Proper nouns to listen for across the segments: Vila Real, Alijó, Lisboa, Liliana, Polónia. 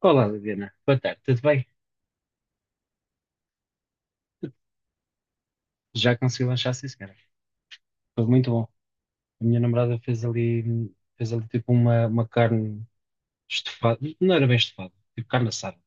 Olá, Liliana. Boa tarde, tudo bem? Já consegui lanchar, sim, senhora. Foi muito bom. A minha namorada fez ali tipo uma carne estufada. Não era bem estufada, tipo carne assada.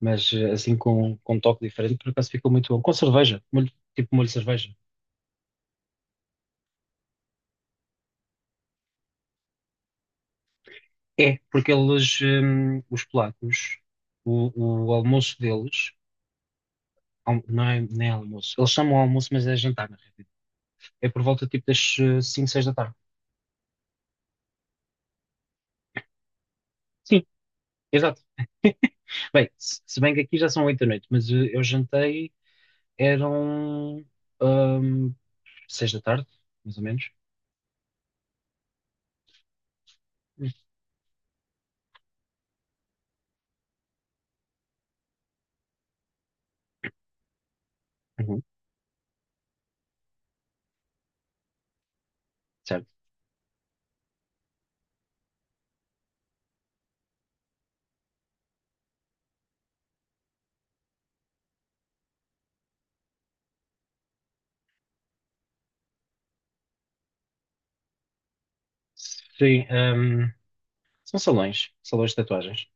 Mas assim com um toque diferente, por acaso ficou muito bom. Com cerveja, tipo molho de cerveja. É, porque eles, os polacos, o almoço deles, não é, nem é almoço. Eles chamam almoço, mas é jantar, na realidade. É por volta tipo das 5, 6 da tarde. Sim, exato. Bem, se bem que aqui já são oito da noite, mas eu jantei. Eram ahm, seis da tarde, mais ou menos. Hum. Uhum. Certo. Sim, são salões de tatuagens.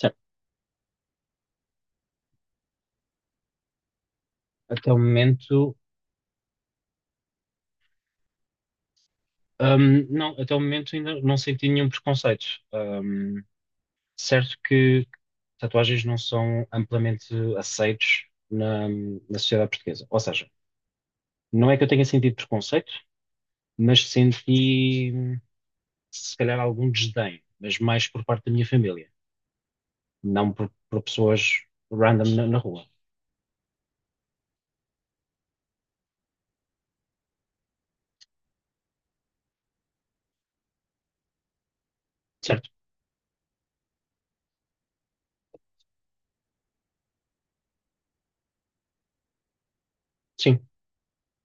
Certo. Até o momento, não. Até o momento ainda não senti nenhum preconceito. Ahm, Certo que tatuagens não são amplamente aceitos na sociedade portuguesa. Ou seja, não é que eu tenha sentido preconceito, mas senti se calhar algum desdém, mas mais por parte da minha família, não por pessoas random na rua, certo? Sim,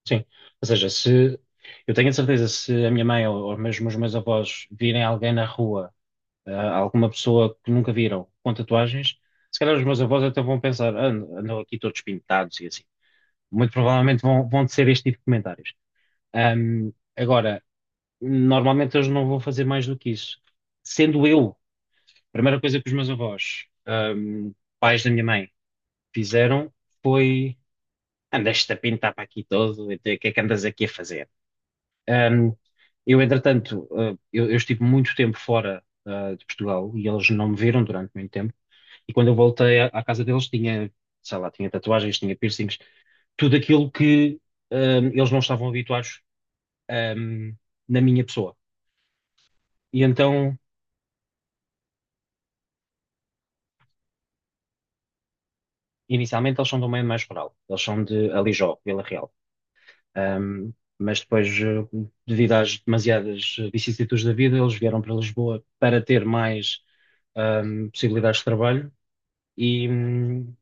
sim. Ou seja, se eu tenho a certeza, se a minha mãe ou mesmo os meus avós virem alguém na rua, alguma pessoa que nunca viram com tatuagens, se calhar os meus avós até vão pensar: "Ah, andam aqui todos pintados" e assim. Muito provavelmente vão ser este tipo de comentários. Agora, normalmente eles não vão fazer mais do que isso. Sendo eu, a primeira coisa que os meus avós, pais da minha mãe, fizeram foi: "Andaste a pintar para aqui todo, então, o que é que andas aqui a fazer?" Ahm, eu, entretanto, eu estive muito tempo fora, de Portugal, e eles não me viram durante muito tempo. E quando eu voltei à casa deles, tinha, sei lá, tinha tatuagens, tinha piercings, tudo aquilo que, eles não estavam habituados, ahm, na minha pessoa. E então, inicialmente, eles são do meio mais rural, eles são de Alijó, Vila Real. Ahm, mas depois, devido às demasiadas vicissitudes da vida, eles vieram para Lisboa para ter mais possibilidades de trabalho, e,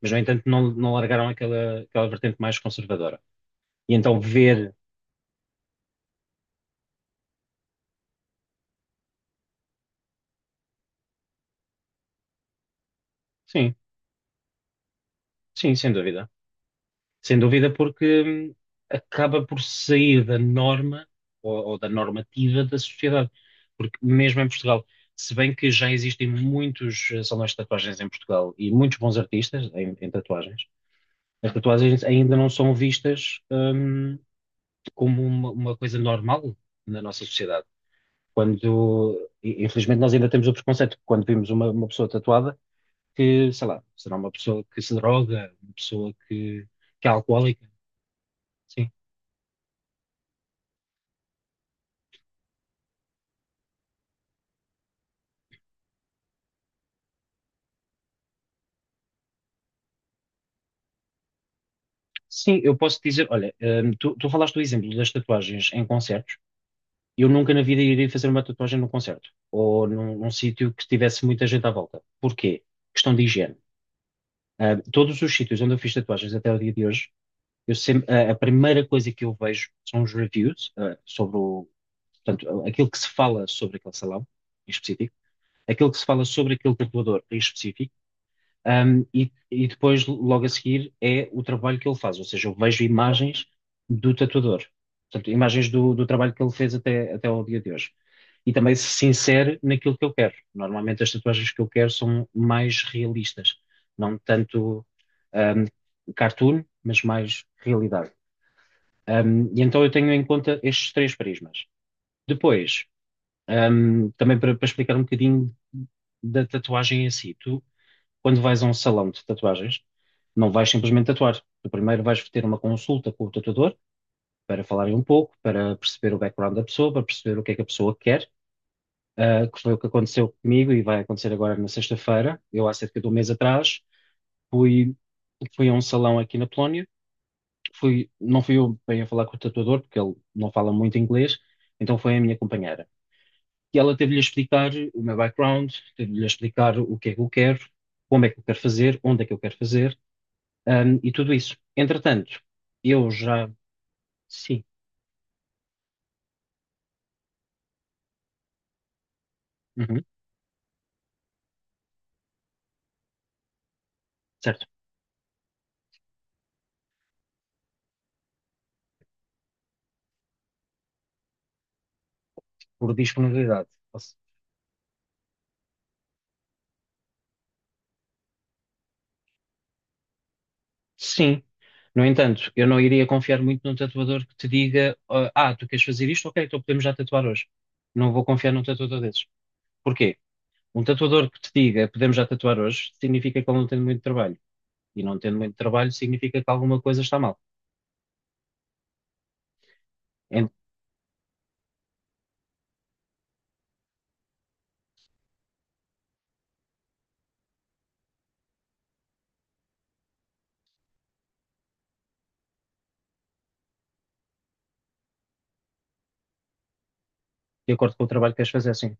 mas, no entanto, não largaram aquela vertente mais conservadora. E então ver, sim, sim, sem dúvida. Sem dúvida, porque hum, acaba por sair da norma, ou da normativa da sociedade. Porque mesmo em Portugal, se bem que já existem muitos salões de tatuagens em Portugal e muitos bons artistas em tatuagens, as tatuagens ainda não são vistas, como uma coisa normal na nossa sociedade. Quando, infelizmente, nós ainda temos o preconceito que, quando vimos uma pessoa tatuada, que, sei lá, será uma pessoa que se droga, uma pessoa que é alcoólica. Sim. Sim, eu posso dizer, olha, tu falaste do exemplo das tatuagens em concertos. Eu nunca na vida iria fazer uma tatuagem num concerto ou num sítio que tivesse muita gente à volta. Porquê? Questão de higiene. Todos os sítios onde eu fiz tatuagens até o dia de hoje. Eu sempre, a primeira coisa que eu vejo são os reviews, portanto, aquilo que se fala sobre aquele salão em específico, aquilo que se fala sobre aquele tatuador em específico, e depois, logo a seguir, é o trabalho que ele faz, ou seja, eu vejo imagens do tatuador, portanto, imagens do trabalho que ele fez até ao dia de hoje. E também se insere naquilo que eu quero. Normalmente as tatuagens que eu quero são mais realistas, não tanto, ahm, cartoon, mas mais realidade. E então eu tenho em conta estes três prismas. Depois, também para explicar um bocadinho da tatuagem em si, tu, quando vais a um salão de tatuagens, não vais simplesmente tatuar. Tu primeiro vais ter uma consulta com o tatuador para falarem um pouco, para perceber o background da pessoa, para perceber o que é que a pessoa quer, que foi o que aconteceu comigo e vai acontecer agora na sexta-feira. Eu, há cerca de um mês atrás, fui, fui a um salão aqui na Polónia. Não fui eu bem a falar com o tatuador, porque ele não fala muito inglês, então foi a minha companheira. E ela teve-lhe a explicar o meu background, teve-lhe a explicar o que é que eu quero, como é que eu quero fazer, onde é que eu quero fazer, e tudo isso. Entretanto, eu já. Sim, uhum, certo, por disponibilidade. Sim. No entanto, eu não iria confiar muito num tatuador que te diga: Tu queres fazer isto? Ok, então podemos já tatuar hoje." Não vou confiar num tatuador desses. Porquê? Um tatuador que te diga podemos já tatuar hoje, significa que ele não tem muito trabalho. E não tendo muito trabalho, significa que alguma coisa está mal. Em- De acordo com o trabalho que queres fazer, sim.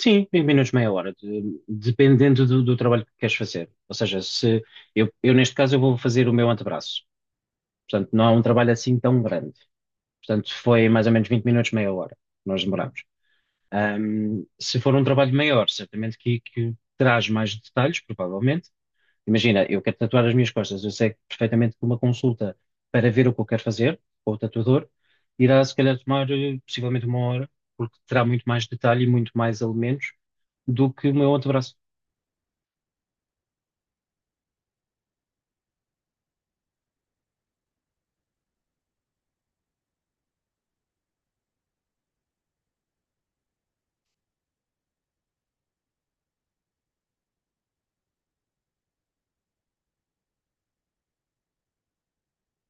Sim, 20 minutos, meia hora, dependendo do trabalho que queres fazer. Ou seja, se eu, eu, neste caso eu vou fazer o meu antebraço. Portanto, não é um trabalho assim tão grande. Portanto, foi mais ou menos 20 minutos, meia hora, que nós demoramos. Se for um trabalho maior, certamente que traz mais detalhes, provavelmente. Imagina, eu quero tatuar as minhas costas, eu sei perfeitamente que uma consulta para ver o que eu quero fazer, com o tatuador, irá se calhar tomar possivelmente 1 hora, porque terá muito mais detalhe e muito mais elementos do que o meu antebraço.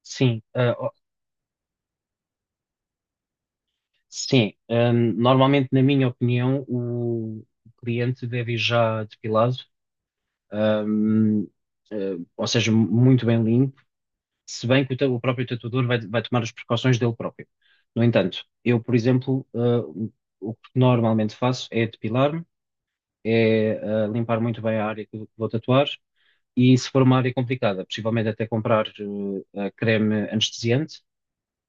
Sim, ó, sim. Normalmente, na minha opinião, o cliente deve ir já depilado, ahm, ou seja, muito bem limpo, se bem que o próprio tatuador vai tomar as precauções dele próprio. No entanto, eu, por exemplo, o que normalmente faço é depilar-me, é limpar muito bem a área que vou tatuar e, se for uma área complicada, possivelmente até comprar creme anestesiante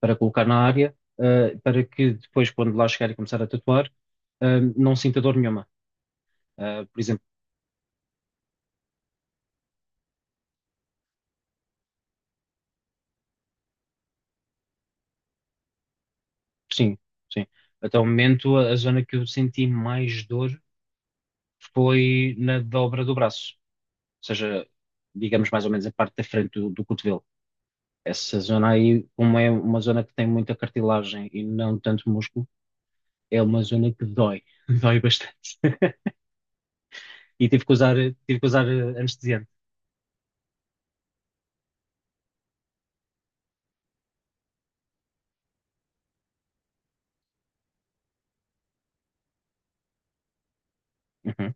para colocar na área, para que depois, quando lá chegar e começar a tatuar, não sinta dor nenhuma. Por exemplo, sim, sim. Até o momento, a zona que eu senti mais dor foi na dobra do braço, seja, digamos, mais ou menos a parte da frente do cotovelo. Essa zona aí, como é uma zona que tem muita cartilagem e não tanto músculo, é uma zona que dói, dói bastante. E tive que usar anestesiante. Uhum,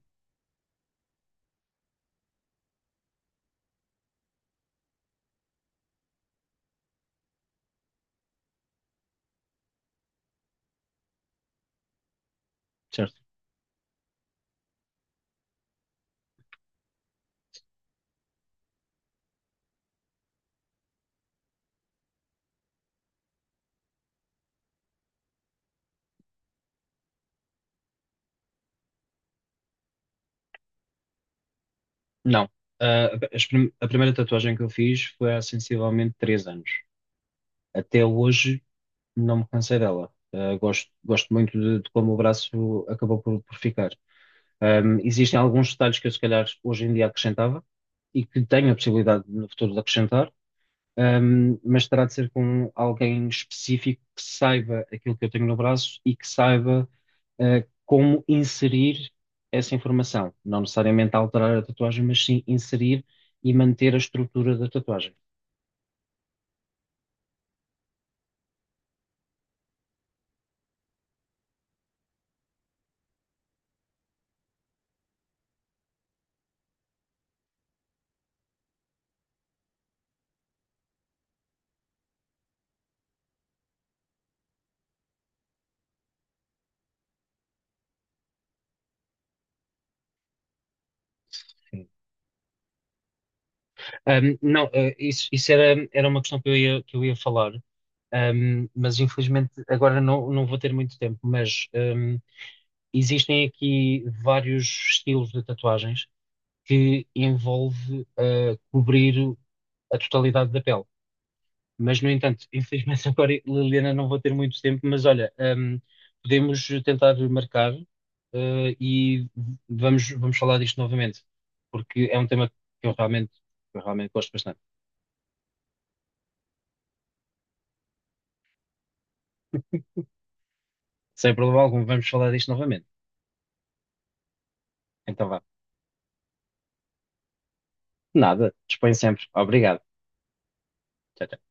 certo. Não. A primeira tatuagem que eu fiz foi há sensivelmente 3 anos. Até hoje não me cansei dela. Gosto muito de como o braço acabou por ficar. Existem alguns detalhes que eu, se calhar, hoje em dia acrescentava e que tenho a possibilidade no futuro de acrescentar, mas terá de ser com alguém específico que saiba aquilo que eu tenho no braço e que saiba, como inserir essa informação. Não necessariamente alterar a tatuagem, mas sim inserir e manter a estrutura da tatuagem. Sim. Não, isso era uma questão que eu ia falar, mas infelizmente agora não vou ter muito tempo, mas, existem aqui vários estilos de tatuagens que envolve cobrir a totalidade da pele. Mas, no entanto, infelizmente agora, Liliana, não vou ter muito tempo, mas olha, podemos tentar marcar, ah, e vamos falar disto novamente, porque é um tema eu realmente, que eu realmente gosto bastante. Sem problema algum, vamos falar disto novamente. Então vá. Nada, dispõe sempre. Obrigado. Tchau, tchau.